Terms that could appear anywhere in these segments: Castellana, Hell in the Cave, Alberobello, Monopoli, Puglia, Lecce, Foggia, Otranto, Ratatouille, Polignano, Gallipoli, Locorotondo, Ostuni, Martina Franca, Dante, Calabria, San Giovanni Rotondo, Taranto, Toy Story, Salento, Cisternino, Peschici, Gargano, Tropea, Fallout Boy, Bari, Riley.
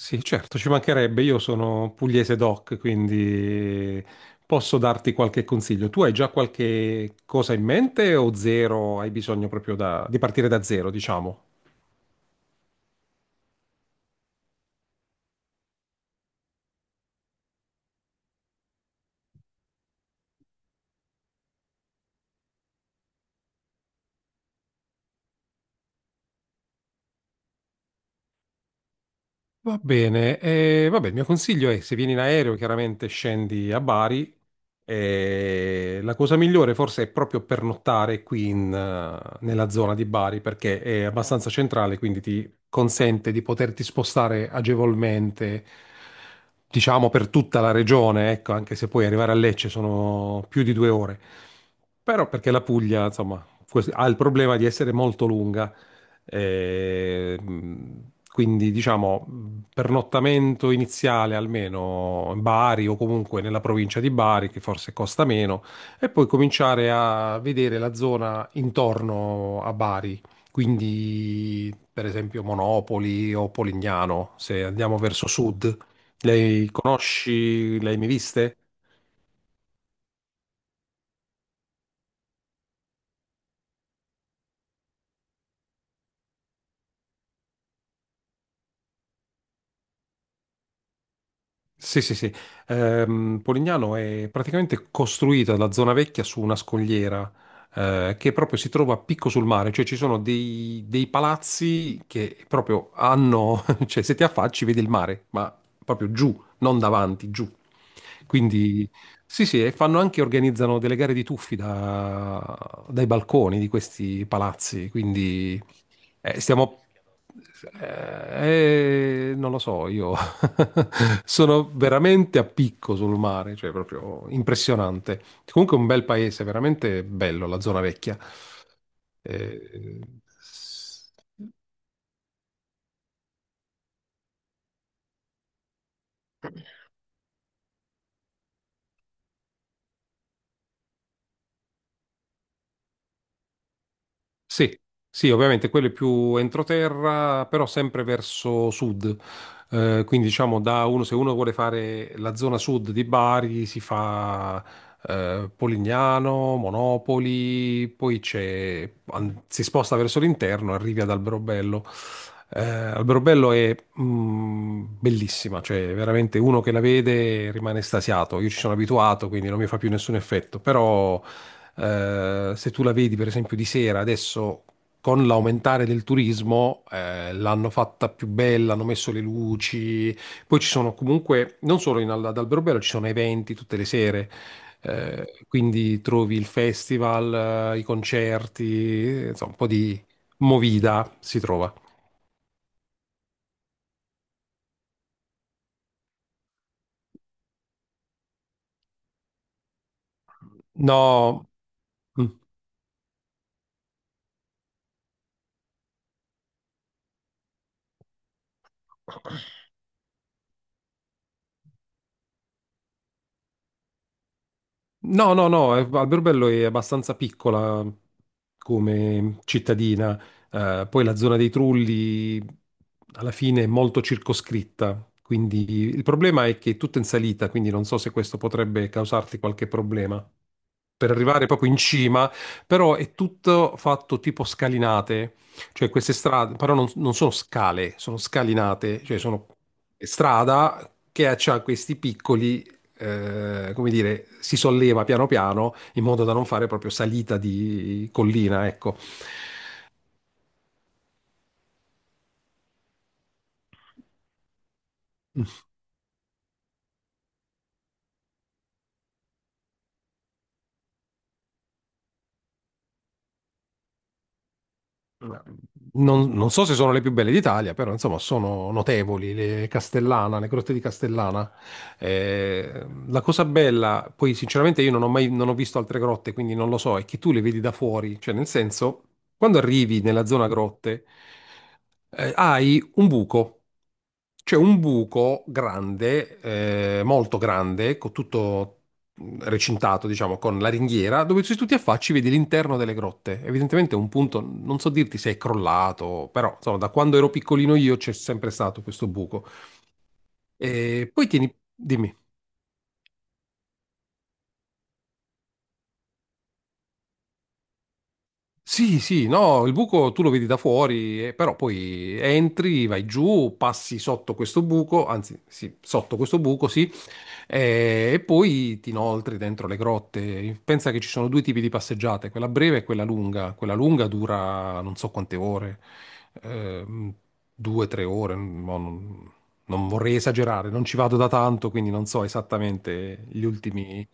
Sì, certo, ci mancherebbe. Io sono pugliese doc, quindi posso darti qualche consiglio. Tu hai già qualche cosa in mente o zero? Hai bisogno proprio di partire da zero, diciamo? Va bene, vabbè, il mio consiglio è se vieni in aereo chiaramente scendi a Bari e la cosa migliore forse è proprio pernottare qui nella zona di Bari perché è abbastanza centrale, quindi ti consente di poterti spostare agevolmente, diciamo, per tutta la regione, ecco, anche se poi arrivare a Lecce sono più di 2 ore. Però perché la Puglia, insomma, ha il problema di essere molto lunga. E quindi, diciamo, pernottamento iniziale almeno in Bari o comunque nella provincia di Bari, che forse costa meno, e poi cominciare a vedere la zona intorno a Bari. Quindi, per esempio, Monopoli o Polignano, se andiamo verso sud. Lei conosci, lei mi viste? Sì, sì, sì. Polignano è praticamente costruita la zona vecchia su una scogliera, che proprio si trova a picco sul mare, cioè ci sono dei palazzi che proprio hanno, cioè, se ti affacci vedi il mare, ma proprio giù, non davanti, giù. Quindi sì, sì, e fanno anche, organizzano delle gare di tuffi dai balconi di questi palazzi, quindi eh, stiamo... non lo so, io sono veramente a picco sul mare, cioè proprio impressionante. Comunque è un bel paese, veramente bello la zona vecchia. Eh, Sì, sì, ovviamente quello è più entroterra, però sempre verso sud. Quindi diciamo, da uno, se uno vuole fare la zona sud di Bari, si fa Polignano, Monopoli, poi si sposta verso l'interno, arrivi ad Alberobello. Alberobello è bellissima, cioè veramente uno che la vede rimane estasiato. Io ci sono abituato, quindi non mi fa più nessun effetto, però se tu la vedi per esempio di sera, adesso, con l'aumentare del turismo, l'hanno fatta più bella, hanno messo le luci, poi ci sono comunque, non solo in, ad Alberobello, ci sono eventi tutte le sere. Quindi trovi il festival, i concerti, insomma, un po' di movida si trova. No, mm. No, no, no, Alberobello è abbastanza piccola come cittadina, poi la zona dei Trulli alla fine è molto circoscritta, quindi il problema è che è tutta in salita, quindi non so se questo potrebbe causarti qualche problema. Per arrivare proprio in cima, però, è tutto fatto tipo scalinate, cioè queste strade, però non sono scale, sono scalinate, cioè sono strada che ha c'ha questi piccoli, come dire, si solleva piano piano in modo da non fare proprio salita di collina, ecco. Non so se sono le più belle d'Italia, però insomma sono notevoli, le Castellana, le grotte di Castellana. La cosa bella, poi, sinceramente, io non ho visto altre grotte, quindi non lo so, è che tu le vedi da fuori, cioè nel senso, quando arrivi nella zona grotte, hai un buco. C'è un buco grande, molto grande, con tutto recintato, diciamo, con la ringhiera, dove se tu ti affacci vedi l'interno delle grotte. Evidentemente è un punto, non so dirti se è crollato, però insomma, da quando ero piccolino io c'è sempre stato questo buco. E poi, tieni, dimmi. Sì, sì, no, il buco tu lo vedi da fuori, però poi entri, vai giù, passi sotto questo buco, anzi, sì, sotto questo buco, sì, e poi ti inoltri dentro le grotte. Pensa che ci sono due tipi di passeggiate, quella breve e quella lunga. Quella lunga dura non so quante ore, ehm, 2, 3 ore, mo non vorrei esagerare, non ci vado da tanto, quindi non so esattamente gli ultimi.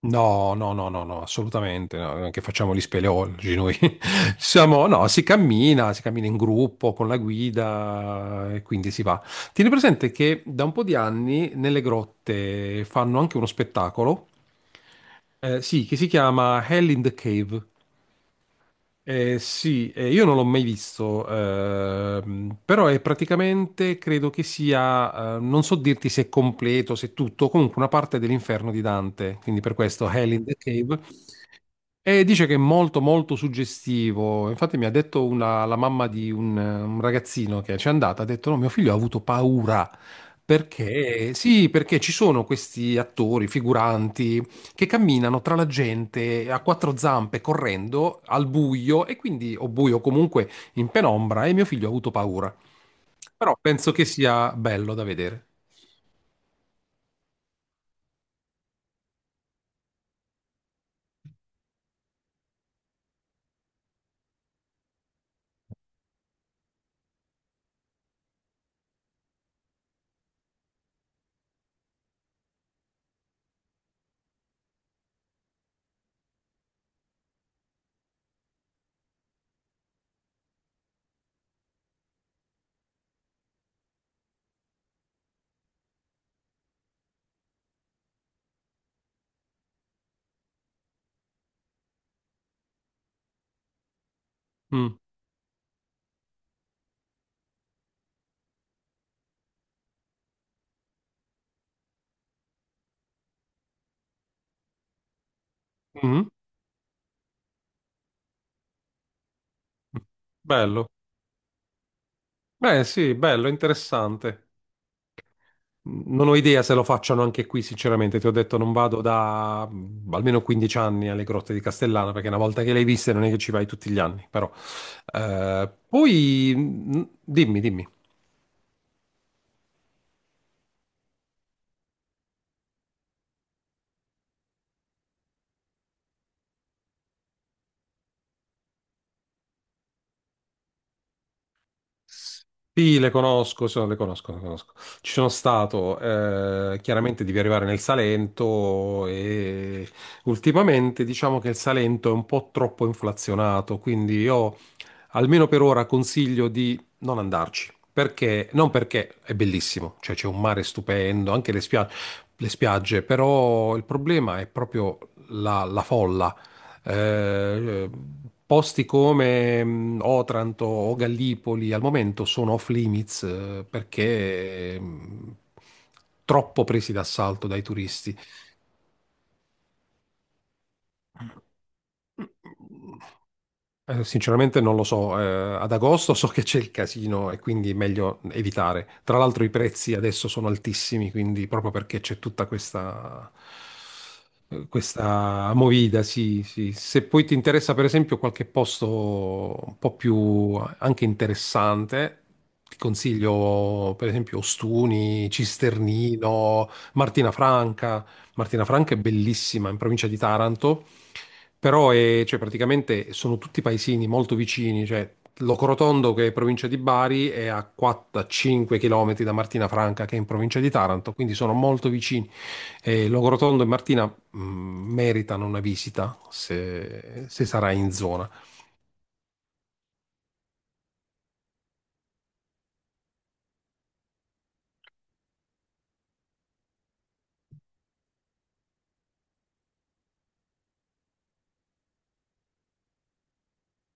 No, no, no, no, no, assolutamente, no, non è che facciamo gli speleologi noi. Siamo, no, si cammina in gruppo con la guida e quindi si va. Tieni presente che da un po' di anni nelle grotte fanno anche uno spettacolo, sì, che si chiama Hell in the Cave. Sì, io non l'ho mai visto, però è praticamente, credo che sia, non so dirti se è completo, se è tutto, comunque una parte dell'inferno di Dante, quindi per questo Hell in the Cave, e dice che è molto molto suggestivo. Infatti mi ha detto la mamma di un ragazzino che ci è andata, ha detto no, mio figlio ha avuto paura. Perché? Sì, perché ci sono questi attori, figuranti, che camminano tra la gente a quattro zampe, correndo al buio, e quindi, o buio comunque in penombra, e mio figlio ha avuto paura. Però penso che sia bello da vedere. Mm. Mm. Bello. Beh, sì, bello, interessante. Non ho idea se lo facciano anche qui, sinceramente. Ti ho detto, non vado da almeno 15 anni alle grotte di Castellana, perché una volta che le hai viste non è che ci vai tutti gli anni, però. Poi, dimmi, dimmi. Sì, le conosco, le conosco, le conosco. Ci sono stato, chiaramente devi arrivare nel Salento e ultimamente diciamo che il Salento è un po' troppo inflazionato, quindi io almeno per ora consiglio di non andarci, perché non, perché è bellissimo, cioè c'è un mare stupendo, anche le le spiagge, però il problema è proprio la folla, eh, posti come Otranto o Gallipoli al momento sono off limits, perché troppo presi d'assalto dai turisti. Sinceramente non lo so, ad agosto so che c'è il casino e quindi è meglio evitare. Tra l'altro i prezzi adesso sono altissimi, quindi proprio perché c'è tutta questa movida, sì, sì. Se poi ti interessa, per esempio, qualche posto un po' più anche interessante, ti consiglio, per esempio, Ostuni, Cisternino, Martina Franca. Martina Franca è bellissima, in provincia di Taranto, però è, cioè, praticamente sono tutti paesini molto vicini, cioè Locorotondo, che è provincia di Bari, è a 4-5 km da Martina Franca, che è in provincia di Taranto, quindi sono molto vicini, e Longorotondo e Martina meritano una visita se sarà in zona.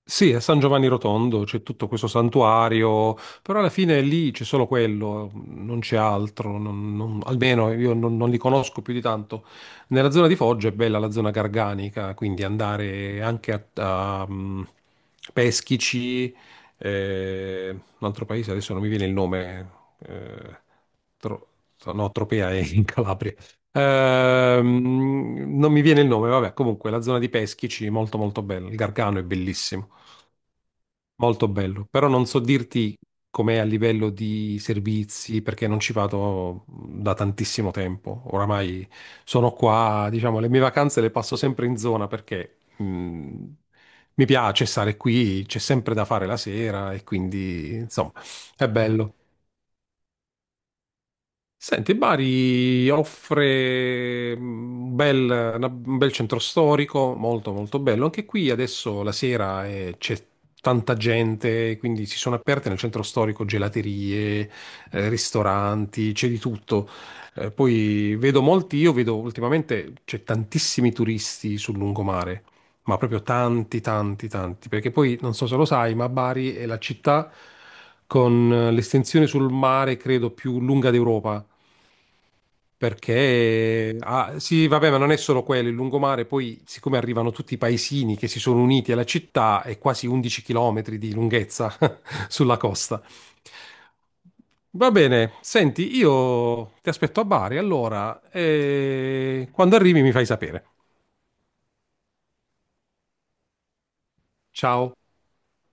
Sì, a San Giovanni Rotondo c'è tutto questo santuario, però alla fine lì c'è solo quello, non c'è altro, non- non- almeno io non li conosco più di tanto. Nella zona di Foggia è bella la zona garganica, quindi andare anche a Peschici, un altro paese, adesso non mi viene il nome, eh, Tro- no, Tropea è in Calabria. Non mi viene il nome, vabbè, comunque la zona di Peschici è molto molto bella, il Gargano è bellissimo. Molto bello, però non so dirti com'è a livello di servizi perché non ci vado da tantissimo tempo. Oramai sono qua, diciamo, le mie vacanze le passo sempre in zona perché mi piace stare qui, c'è sempre da fare la sera e quindi, insomma, è bello. Senti, Bari offre un bel centro storico, molto molto bello. Anche qui adesso la sera c'è tanta gente, quindi si sono aperte nel centro storico gelaterie, ristoranti, c'è di tutto. Poi vedo molti, io vedo ultimamente c'è tantissimi turisti sul lungomare, ma proprio tanti, tanti, tanti, perché poi non so se lo sai, ma Bari è la città con, l'estensione sul mare, credo, più lunga d'Europa. Perché, ah, sì, vabbè, ma non è solo quello, il lungomare, poi siccome arrivano tutti i paesini che si sono uniti alla città, è quasi 11 chilometri di lunghezza sulla costa. Va bene, senti, io ti aspetto a Bari, allora, e quando arrivi mi fai sapere. Ciao.